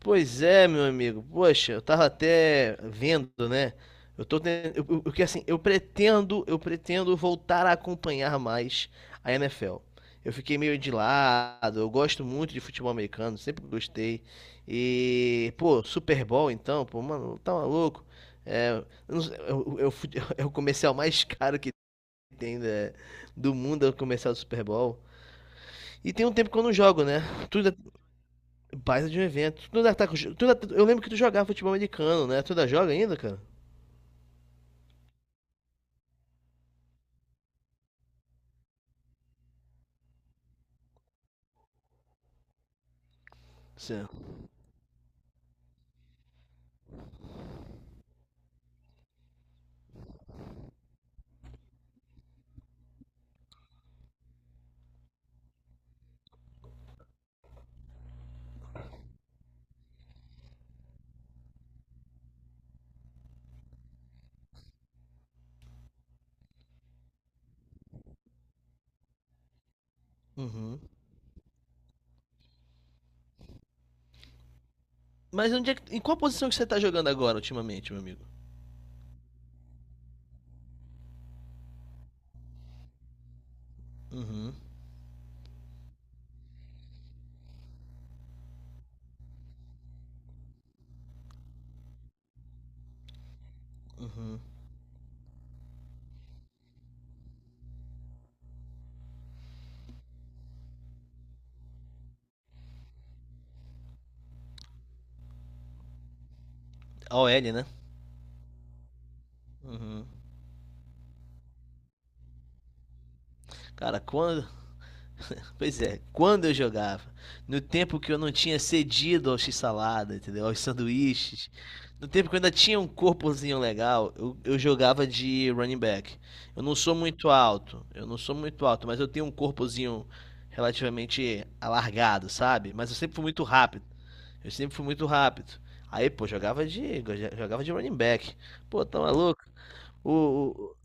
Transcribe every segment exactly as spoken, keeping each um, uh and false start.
Pois é, meu amigo. Poxa, eu tava até vendo, né? Eu tô ten- eu, eu, que assim, eu pretendo, eu pretendo voltar a acompanhar mais a N F L. Eu fiquei meio de lado, eu gosto muito de futebol americano, sempre gostei. E, pô, Super Bowl então, pô, mano, tá maluco? É, eu, não sei, eu- eu- eu fui- é o comercial mais caro que tem, né, do mundo, é o comercial do Super Bowl. E tem um tempo que eu não jogo, né? Tu, Baita de um evento. Tu ainda tá com... tu ainda- Eu lembro que tu jogava futebol americano, né? Tu ainda joga ainda, cara? Você... Uhum. Mas onde é que... em qual posição que você tá jogando agora, ultimamente, meu amigo? Uhum. A O L, né? Uhum. Cara, quando... Pois é, quando eu jogava, no tempo que eu não tinha cedido ao x-salada, entendeu? Aos sanduíches, no tempo que eu ainda tinha um corpozinho legal, eu, eu jogava de running back. Eu não sou muito alto, eu não sou muito alto, mas eu tenho um corpozinho relativamente alargado, sabe? Mas eu sempre fui muito rápido, eu sempre fui muito rápido. Aí, pô, jogava de, jogava de running back. Pô, tá maluco? O,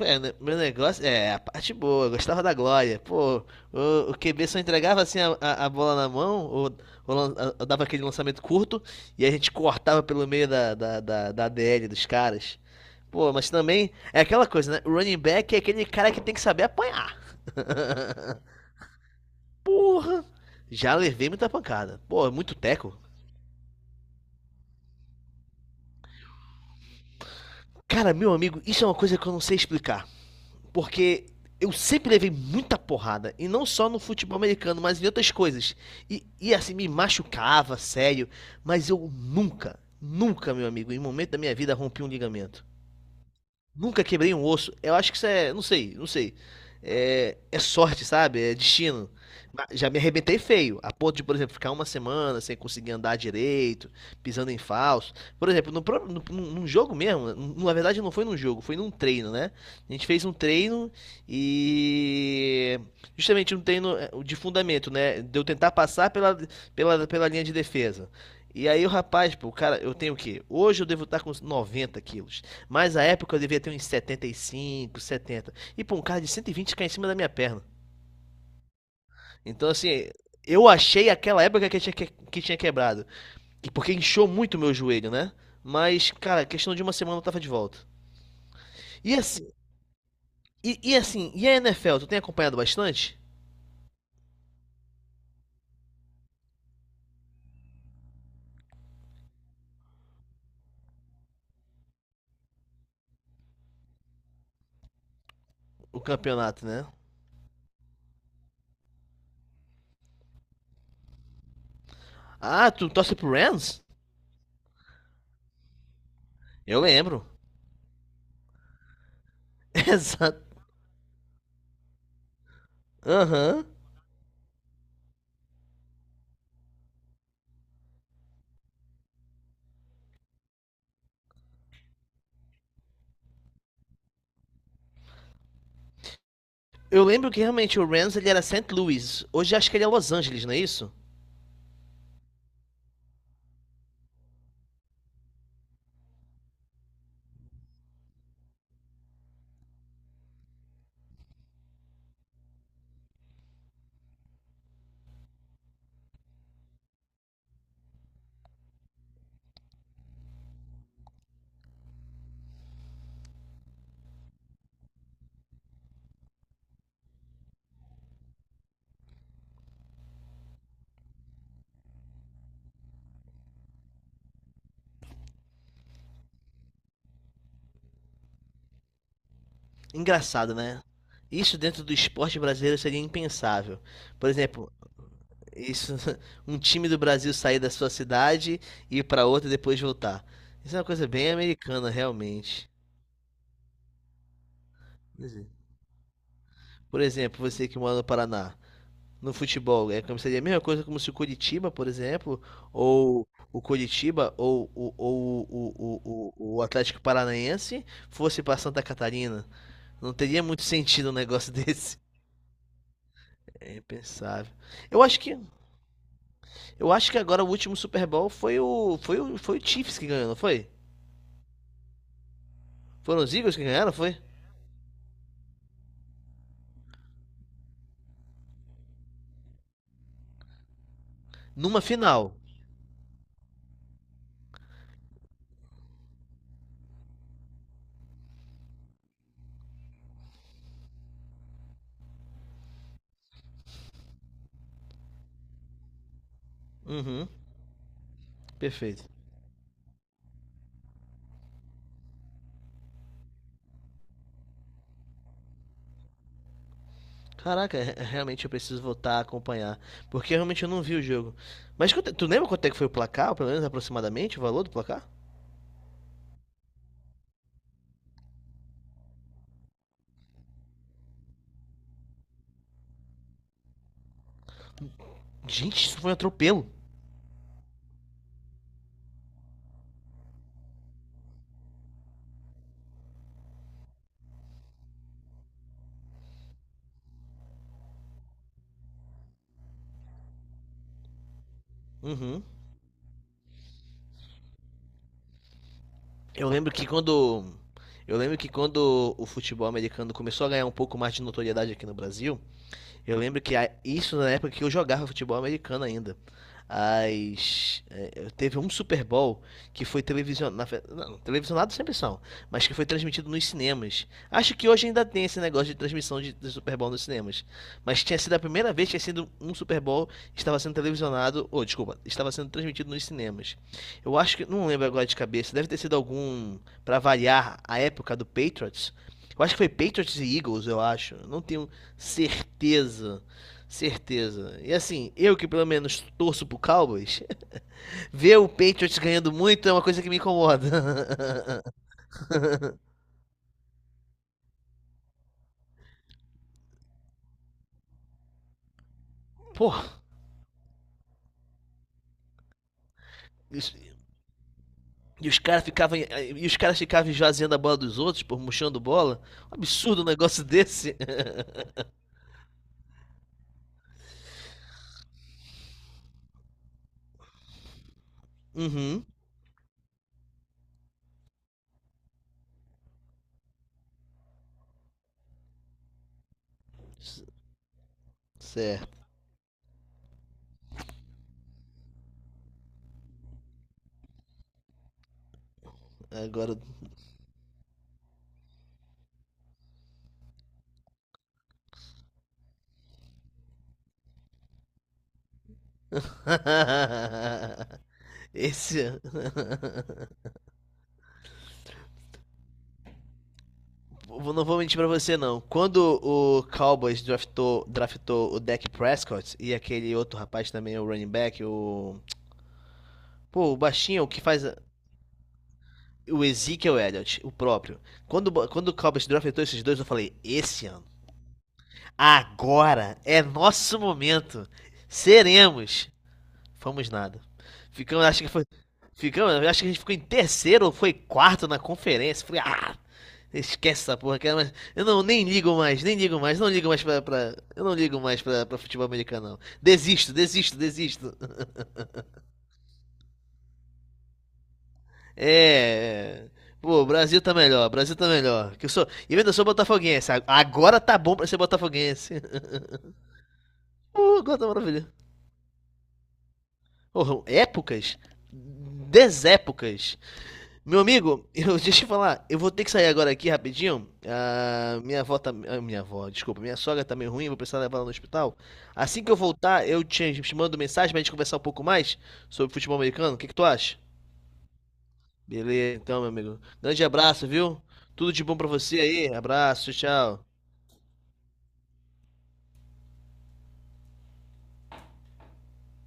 É, né, meu negócio é a parte boa, eu gostava da glória. Pô, o, o Q B só entregava assim a, a- a bola na mão, ou, ou lan- ou dava aquele lançamento curto, e a gente cortava pelo meio da, da, da, da D L dos caras. Pô, mas também é aquela coisa, né? O running back é aquele cara que tem que saber apanhar. Porra! Já levei muita pancada. Pô, é muito teco. Cara, meu amigo, isso é uma coisa que eu não sei explicar. Porque eu sempre levei muita porrada. E não só no futebol americano, mas em outras coisas. E, e assim, me machucava, sério. Mas eu nunca, nunca, meu amigo, em momento da minha vida, rompi um ligamento. Nunca quebrei um osso. Eu acho que isso é. Não sei, não sei. É, é sorte, sabe? É destino. Mas já me arrebentei feio, a ponto de, por exemplo, ficar uma semana sem conseguir andar direito, pisando em falso. Por exemplo, no, pró- no, num num jogo mesmo, num- na verdade não foi num jogo, foi num treino, né? A gente fez um treino e. Justamente um treino, é, de fundamento, né? De eu tentar passar pela, pela, pela linha de defesa. E aí o rapaz, pô, o cara, eu tenho o quê? Hoje eu devo estar com uns noventa quilos. Mas a época eu devia ter uns setenta e cinco, setenta. E pô, um cara de cento e vinte cai em cima da minha perna. Então, assim, eu achei aquela época que tinha, que, que tinha quebrado. E porque inchou muito o meu joelho, né? Mas, cara, questão de uma semana eu tava de volta. E assim, e, e assim, e a N F L, tu tem acompanhado bastante o campeonato, né? Ah, tu torce pro Rams? Eu lembro. Exato. Aham. Eu lembro que realmente o Rams ele era Saint Louis. Hoje acho que ele é Los Angeles, não é isso? Engraçado, né? Isso dentro do esporte brasileiro seria impensável. Por exemplo, isso, um time do Brasil sair da sua cidade e ir para outra e depois voltar. Isso é uma coisa bem americana, realmente. Pois é. Por exemplo, você que mora no Paraná, no futebol, é como seria a mesma coisa como se o Curitiba, por exemplo, ou o Curitiba ou, o ou o, o, o, o Atlético Paranaense fosse para Santa Catarina. Não teria muito sentido um negócio desse. É impensável. Eu acho que Eu acho que agora o último Super Bowl foi o, foi o, foi o Chiefs que ganhou, não foi? Foram os Eagles que ganharam, foi? Numa final. Uhum, perfeito. Caraca, re- realmente eu preciso voltar a acompanhar. Porque realmente eu não vi o jogo. Mas quanto- tu lembra quanto é que foi o placar, ou pelo menos aproximadamente o valor do placar? Gente, isso foi um atropelo. Uhum. Eu lembro que quando. Eu lembro que quando o futebol americano começou a ganhar um pouco mais de notoriedade aqui no Brasil, eu lembro que a- isso na época que eu jogava futebol americano ainda. As, eh, teve um Super Bowl que foi televisionado. Não, televisionado sempre são, mas que foi transmitido nos cinemas. Acho que hoje ainda tem esse negócio de transmissão de, de Super Bowl nos cinemas. Mas tinha sido a primeira vez que tinha sido um Super Bowl que estava sendo televisionado. Ou, desculpa, estava sendo transmitido nos cinemas. Eu acho que. Não lembro agora de cabeça. Deve ter sido algum para variar a época do Patriots. Eu acho que foi Patriots e Eagles, eu acho. Não tenho certeza. Certeza. E assim, eu que pelo menos torço pro Cowboys, ver o Patriots ganhando muito é uma coisa que me incomoda. Pô, isso- e os caras ficavam e os caras ficavam esvaziando a bola dos outros, por murchando bola. Um absurdo um negócio desse. Uhum. C- Certo. Agora Esse não vou mentir pra você, não. Quando o Cowboys draftou, draftou o Dak Prescott e aquele outro rapaz também, o running back, o. Pô, o baixinho, o que faz. a- O Ezekiel Elliott, o próprio. Quando, quando o Cowboys draftou esses dois, eu falei: esse ano, agora é nosso momento. Seremos. Fomos nada. Ficamos, acho que foi. Ficamos, acho que a gente ficou em terceiro ou foi quarto na conferência. Falei, ah, esquece essa porra, cara, mas eu não nem ligo mais, nem ligo mais, não ligo mais pra, pra- eu não ligo mais pra, pra futebol americano, não. Desisto, desisto, desisto. É, é. Pô, o Brasil tá melhor, o Brasil tá melhor. Que eu sou, e eu ainda sou botafoguense. a- Agora tá bom pra ser botafoguense. Uh, agora tá maravilha. Oh, épocas, desépocas. Meu amigo, eu, deixa eu falar, eu vou ter que sair agora aqui rapidinho. Ah, minha avó tá. Ah, minha avó, desculpa, minha sogra tá meio ruim, vou precisar levar ela no hospital. Assim que eu voltar, eu te, te mando mensagem pra gente conversar um pouco mais sobre futebol americano. O que que tu acha? Beleza, então, meu amigo. Grande abraço, viu? Tudo de bom pra você aí. Abraço, tchau.